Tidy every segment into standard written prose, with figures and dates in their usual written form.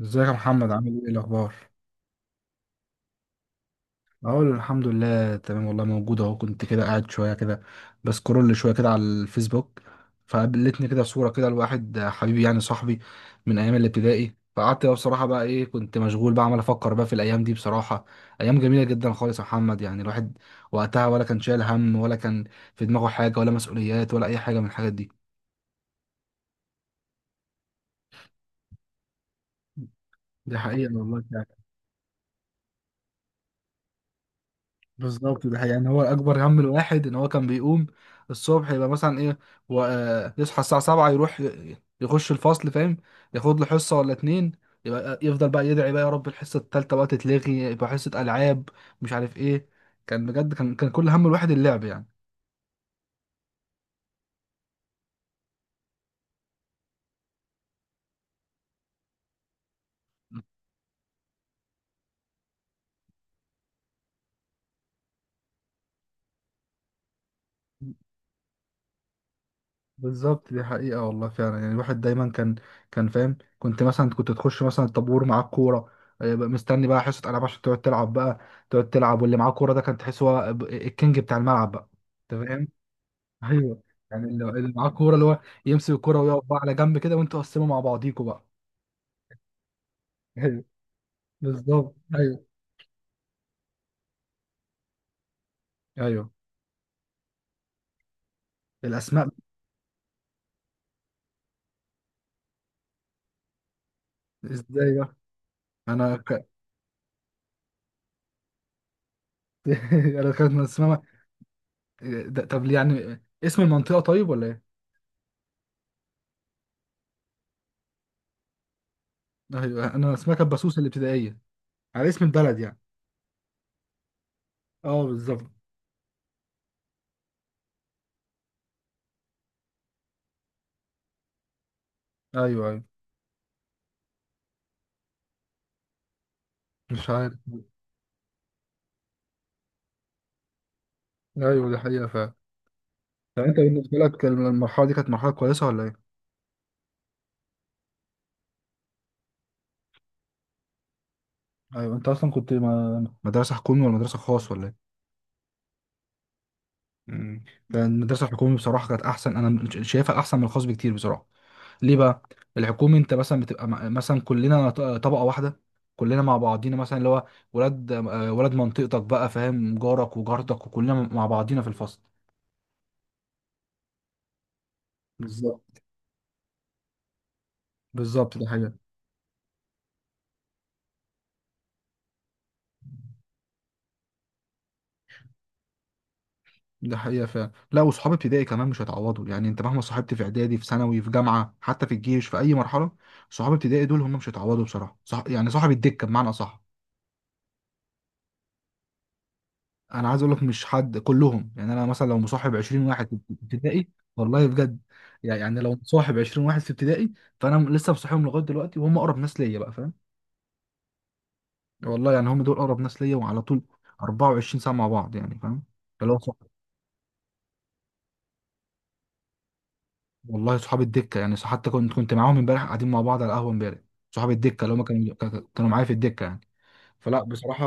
ازيك يا محمد، عامل ايه الاخبار؟ اقول الحمد لله تمام والله، موجود اهو، كنت كده قاعد شويه كده بسكرول شويه كده على الفيسبوك، فقابلتني كده صوره كده لواحد حبيبي يعني صاحبي من ايام الابتدائي، فقعدت بقى بصراحه بقى ايه كنت مشغول بقى عمال افكر بقى في الايام دي بصراحه. ايام جميله جدا خالص يا محمد، يعني الواحد وقتها ولا كان شايل هم ولا كان في دماغه حاجه ولا مسؤوليات ولا اي حاجه من الحاجات دي. دي حقيقه والله. بالظبط ده حقيقي. يعني هو اكبر هم الواحد ان هو كان بيقوم الصبح، يبقى مثلا ايه و... آه، يصحى الساعه 7 يروح يخش الفصل، فاهم، ياخد له حصه ولا اتنين، يبقى يفضل بقى يدعي بقى يا رب الحصه التالته بقى تتلغي يبقى حصه العاب، مش عارف ايه. كان بجد كان كل هم الواحد اللعب يعني. بالظبط دي حقيقة والله فعلا، يعني الواحد دايما كان فاهم، كنت مثلا تخش مثلا الطابور معاك كورة، بقى مستني بقى حصة ألعاب عشان تقعد تلعب بقى، تقعد تلعب واللي معاه كورة ده كان تحس هو الكينج بتاع الملعب بقى. أنت فاهم؟ أيوه. يعني اللي معاه كورة اللي هو يمسك الكورة ويقف بقى على جنب كده وأنتوا قسموا مع بعضيكوا بقى. ايوه، بالظبط. ايوه ايوه الأسماء. إزاي بقى؟ أنا ك... أنا كانت من اسمها. طب ليه يعني، اسم المنطقة طيب ولا إيه؟ ايوه، انا اسمها كانت بسوس الابتدائيه، على اسم البلد يعني. اه بالظبط. ايوه ايوه. مش عارف. ايوه دي حقيقه فعلا. طب انت بالنسبه لك المرحله دي كانت مرحله كويسه ولا ايه؟ ايوه. انت اصلا كنت ما... مدرسه حكومي ولا مدرسه خاص ولا ايه؟ مم. كان المدرسه الحكومي بصراحه كانت احسن، انا شايفها احسن من الخاص بكتير بصراحه. ليه بقى؟ الحكومي انت مثلا بتبقى مثلا كلنا طبقه واحده، كلنا مع بعضينا مثلا اللي هو ولاد ولاد منطقتك بقى، فاهم، جارك وجارتك وكلنا مع بعضينا في الفصل. بالظبط. بالظبط ده حقيقة. ده حقيقة فعلا. لا وصحاب ابتدائي كمان مش هيتعوضوا يعني، انت مهما صاحبت في اعدادي في ثانوي في جامعة حتى في الجيش في اي مرحلة، صحاب ابتدائي دول هم مش هيتعوضوا بصراحة صح يعني، صاحب الدكة بمعنى صح. انا عايز اقول لك مش حد كلهم، يعني انا مثلا لو مصاحب 20 واحد في ابتدائي. والله بجد. يعني لو مصاحب 20 واحد في ابتدائي، فانا لسه مصاحبهم لغاية دلوقتي وهم اقرب ناس ليا بقى، فاهم، والله، يعني هم دول اقرب ناس ليا وعلى طول 24 ساعة مع بعض يعني، فاهم. والله صحاب الدكه، يعني حتى كنت معاهم امبارح قاعدين مع بعض على القهوه امبارح، صحاب الدكه اللي هم كانوا معايا في الدكه يعني. فلا بصراحه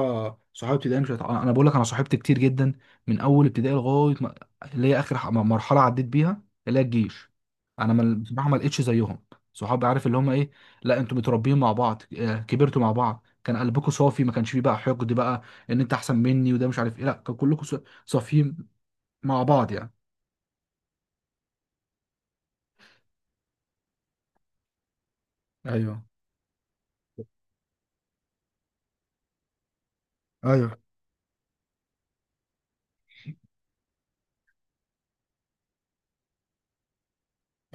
صحابي ابتدائي مش هت- انا بقول لك انا صاحبت كتير جدا من اول ابتدائي لغايه ما... اللي هي اخر مرحله عديت بيها اللي هي الجيش. انا ما... بصراحه ما لقيتش زيهم، صحاب عارف اللي هم ايه، لا انتوا متربيين مع بعض كبرتوا مع بعض، كان قلبكم صافي ما كانش فيه بقى حقد بقى ان انت احسن مني وده مش عارف ايه، لا كان كلكم صافيين مع بعض يعني. ايوه ايوه.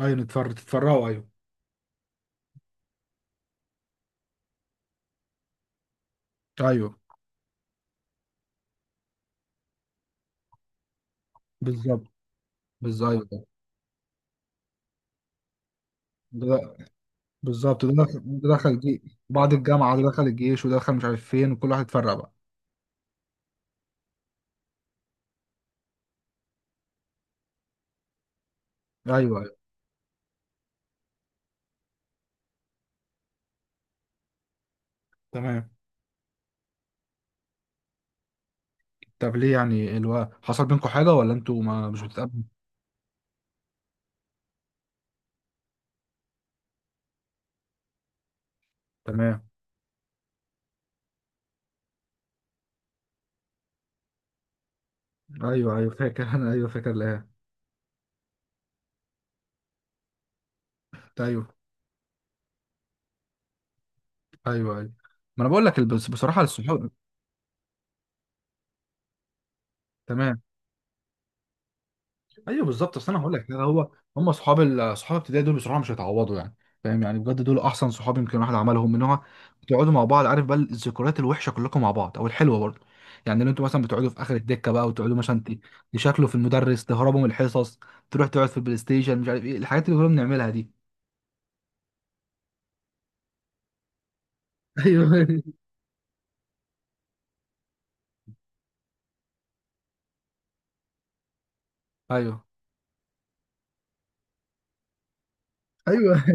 ايوه تتفرقوا ايوه. ايوه بالظبط. بالظبط أيوة. ده- بالظبط ده دخل بعد الجامعه ده دخل الجيش ودخل مش عارف فين وكل واحد اتفرق بقى. ايوه ايوه. تمام. طب ليه يعني حصل بينكم حاجه ولا انتوا ما مش بتتقابلوا؟ تمام. ايوه ايوه فاكر. انا ايوه فاكر لها. ايوه ايوه. ايوه ما انا بقول لك بصراحه الصحاب. تمام. ايوه بالظبط اصل انا هقول لك كده، هو هم صحاب صحاب الابتدائي دول بصراحه مش هيتعوضوا يعني، فاهم يعني بجد دول احسن صحاب يمكن الواحد عملهم، من هو بتقعدوا مع بعض، عارف بقى الذكريات الوحشه كلكم مع بعض او الحلوه برضه، يعني لو انتوا مثلا بتقعدوا في اخر الدكه بقى وتقعدوا مثلا تشكلوا في المدرس، تهربوا من الحصص، تروح تقعد في البلاي ستيشن مش عارف ايه الحاجات اللي كنا بنعملها دي. ايوه ايوه. ايوه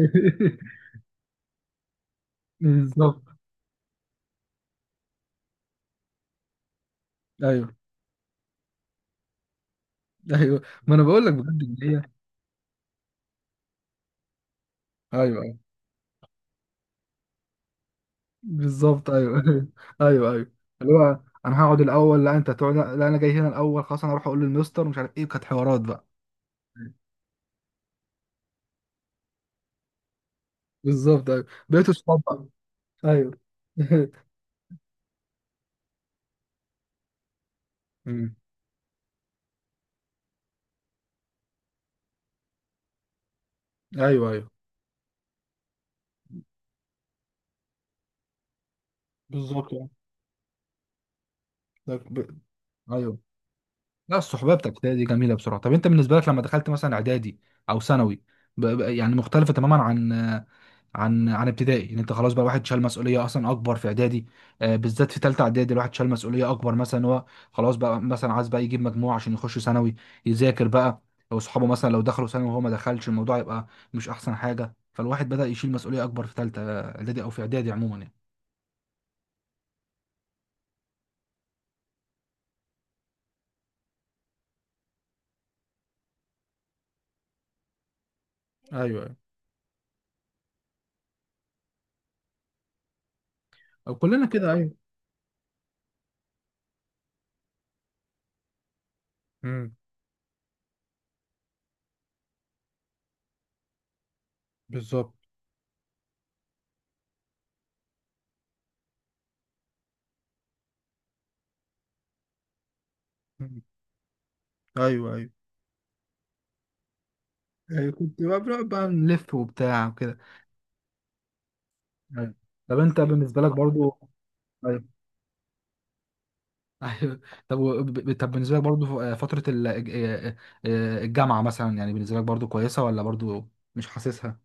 بالظبط. ايوه ايوه. ايوه ما انا بقول لك بجد ان هي. ايوه بالظبط. ايوه ايوه ايوه. اللي هو انا هقعد الاول، لا انت تقعد، لا انا جاي هنا الاول، خلاص انا اروح اقول للمستر مش عارف ايه، كانت حوارات بقى. بالظبط ايوه. بقيت اصحاب بقى. ايوه أمم. ايوه ايوه بالظبط يعني. ده ب- ايوه. لا الصحبه بتاعت ابتدائي دي جميله، بسرعه طب انت بالنسبه لك لما دخلت مثلا اعدادي او ثانوي يعني مختلفه تماما عن عن ابتدائي، ان انت خلاص بقى واحد شال مسؤوليه اصلا اكبر في اعدادي، بالذات في ثالثه اعدادي الواحد شال مسؤوليه اكبر، مثلا هو خلاص بقى مثلا عايز بقى يجيب مجموع عشان يخش ثانوي يذاكر بقى، واصحابه مثلا لو دخلوا ثانوي وهو ما دخلش الموضوع يبقى مش احسن حاجه، فالواحد بدا يشيل مسؤوليه اكبر في ثالثه اعدادي او في اعدادي عموما يعني. ايوه ايوه. او كلنا كده ايوه. امم بالظبط. مم. ايوه ايوه. كنت بقى بنقعد بقى نلف وبتاع وكده. أيوة. طب انت بالنسبه لك برضو. أيوة. ايوه. طب طب بالنسبه لك برضو فتره الجامعه مثلا، يعني بالنسبه لك برضو كويسه ولا برضو مش حاسسها؟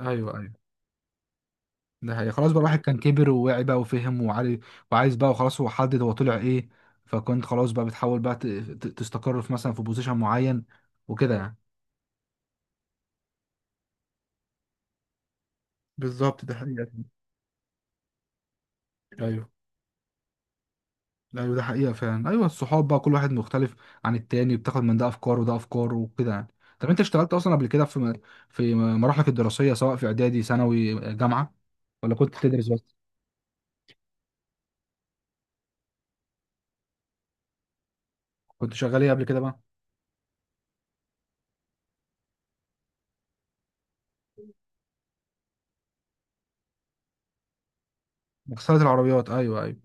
ايوه ايوه. ده هي خلاص بقى الواحد كان كبر ووعي بقى وفهم وعارف وعايز بقى وخلاص هو حدد هو طلع ايه، فكنت خلاص بقى بتحاول بقى تستقر في مثلا في بوزيشن معين وكده يعني. بالظبط ده حقيقة. ايوه ايوه. ده حقيقة فعلا ايوه. الصحاب بقى كل واحد مختلف عن التاني، بتاخد من ده افكار وده افكار وكده يعني. طب انت اشتغلت اصلا قبل كده في في مراحلك الدراسية سواء في اعدادي ثانوي جامعة، ولا كنت بتدرس بس؟ كنت شغال ايه قبل كده بقى؟ مغسلة العربيات ايوه ايوه.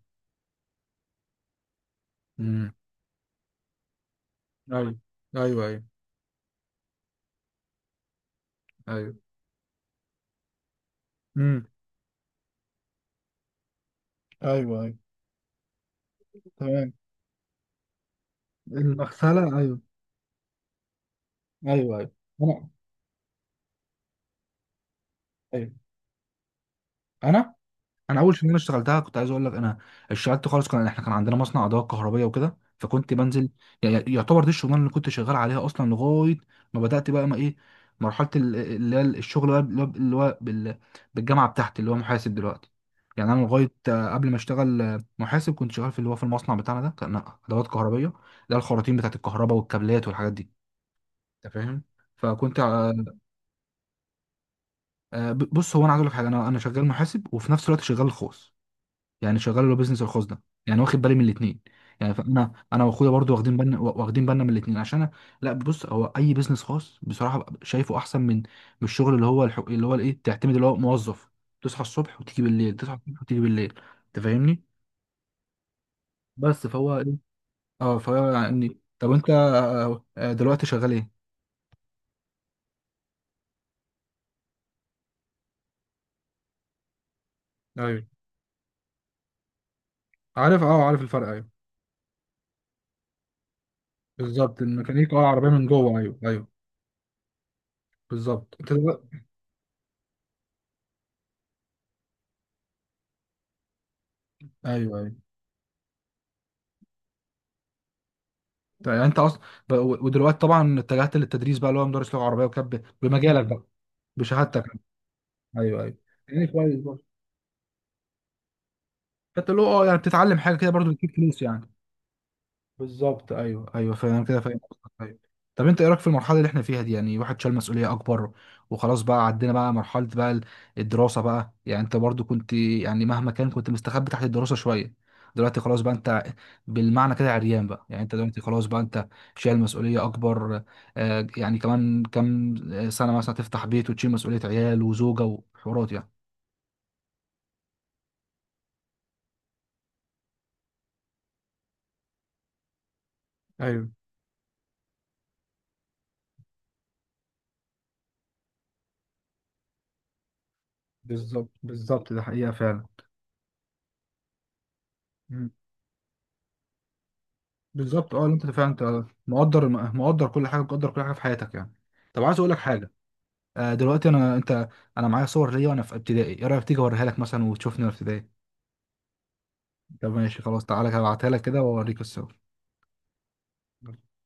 امم. ايوه ايوه. ايوه ايوه. امم. ايوه ايوه. تمام. المغسلة ايوه. ايوه ايوه. انا ايوه. انا انا اول شغلانه اشتغلتها كنت عايز اقول لك، انا اشتغلت خالص كان احنا كان عندنا مصنع ادوات كهربائيه وكده فكنت بنزل، يعتبر دي الشغلانه اللي كنت شغال عليها اصلا لغايه ما بدات بقى ما ايه، مرحله اللي هي الشغل بقى اللي هو بالجامعه بتاعتي اللي هو محاسب دلوقتي، يعني انا لغايه قبل ما اشتغل محاسب كنت شغال في اللي هو في المصنع بتاعنا ده، كان ادوات كهربائيه، ده الخراطيم بتاعت الكهرباء والكابلات والحاجات دي، انت فاهم، فكنت بص هو انا عايز اقول لك حاجه، انا شغال محاسب وفي نفس الوقت شغال خوص، يعني شغال اللي هو بيزنس الخاص ده يعني، واخد بالي من الاثنين يعني، فانا واخويا برضو واخدين بالنا واخدين بالنا من الاثنين عشان لا بص، هو اي بيزنس خاص بصراحه ببقى شايفه احسن من الشغل اللي هو الحق اللي هو الايه تعتمد اللي هو موظف، تصحى الصبح وتيجي بالليل تصحى الصبح وتيجي بالليل، انت فاهمني. بس فهو ايه، اه فهو يعني، طب انت دلوقتي شغال ايه؟ ايوه. عارف، اه عارف الفرق ايوه. بالظبط الميكانيكا اه العربيه من جوه ايوه ايوه. بالظبط انت دلوقتي ايوه. طيب يعني انت اصلا ودلوقتي طبعا اتجهت للتدريس بقى اللي هو مدرس لغه عربيه وكان بمجالك بقى، بشهادتك، ايوه ايوه. يعني كويس برضه، فانت اللي هو اه يعني بتتعلم حاجه كده برضه بتجيب فلوس يعني. بالظبط ايوه ايوه فاهم كده، فاهم قصدك، ايوه. طب انت ايه رايك في المرحله اللي احنا فيها دي، يعني واحد شال مسؤوليه اكبر وخلاص بقى عدينا بقى مرحله بقى الدراسه بقى، يعني انت برضو كنت يعني مهما كان كنت مستخبي تحت الدراسه شويه، دلوقتي خلاص بقى انت بالمعنى كده عريان بقى، يعني انت دلوقتي خلاص بقى انت شايل مسؤوليه اكبر، يعني كمان كام سنه مثلا تفتح بيت وتشيل مسؤوليه عيال وزوجه وحوارات يعني. ايوه بالظبط. بالظبط ده حقيقة فعلا. بالظبط اه، اللي انت فعلا انت مقدر، مقدر كل حاجه، مقدر كل حاجه في حياتك يعني. طب عايز اقول لك حاجه، دلوقتي انا انت، انا معايا صور ليا وانا في ابتدائي، ايه رايك تيجي اوريها لك مثلا وتشوفني وانا في ابتدائي؟ طب ماشي خلاص تعالى هبعتها لك كده واوريك الصور.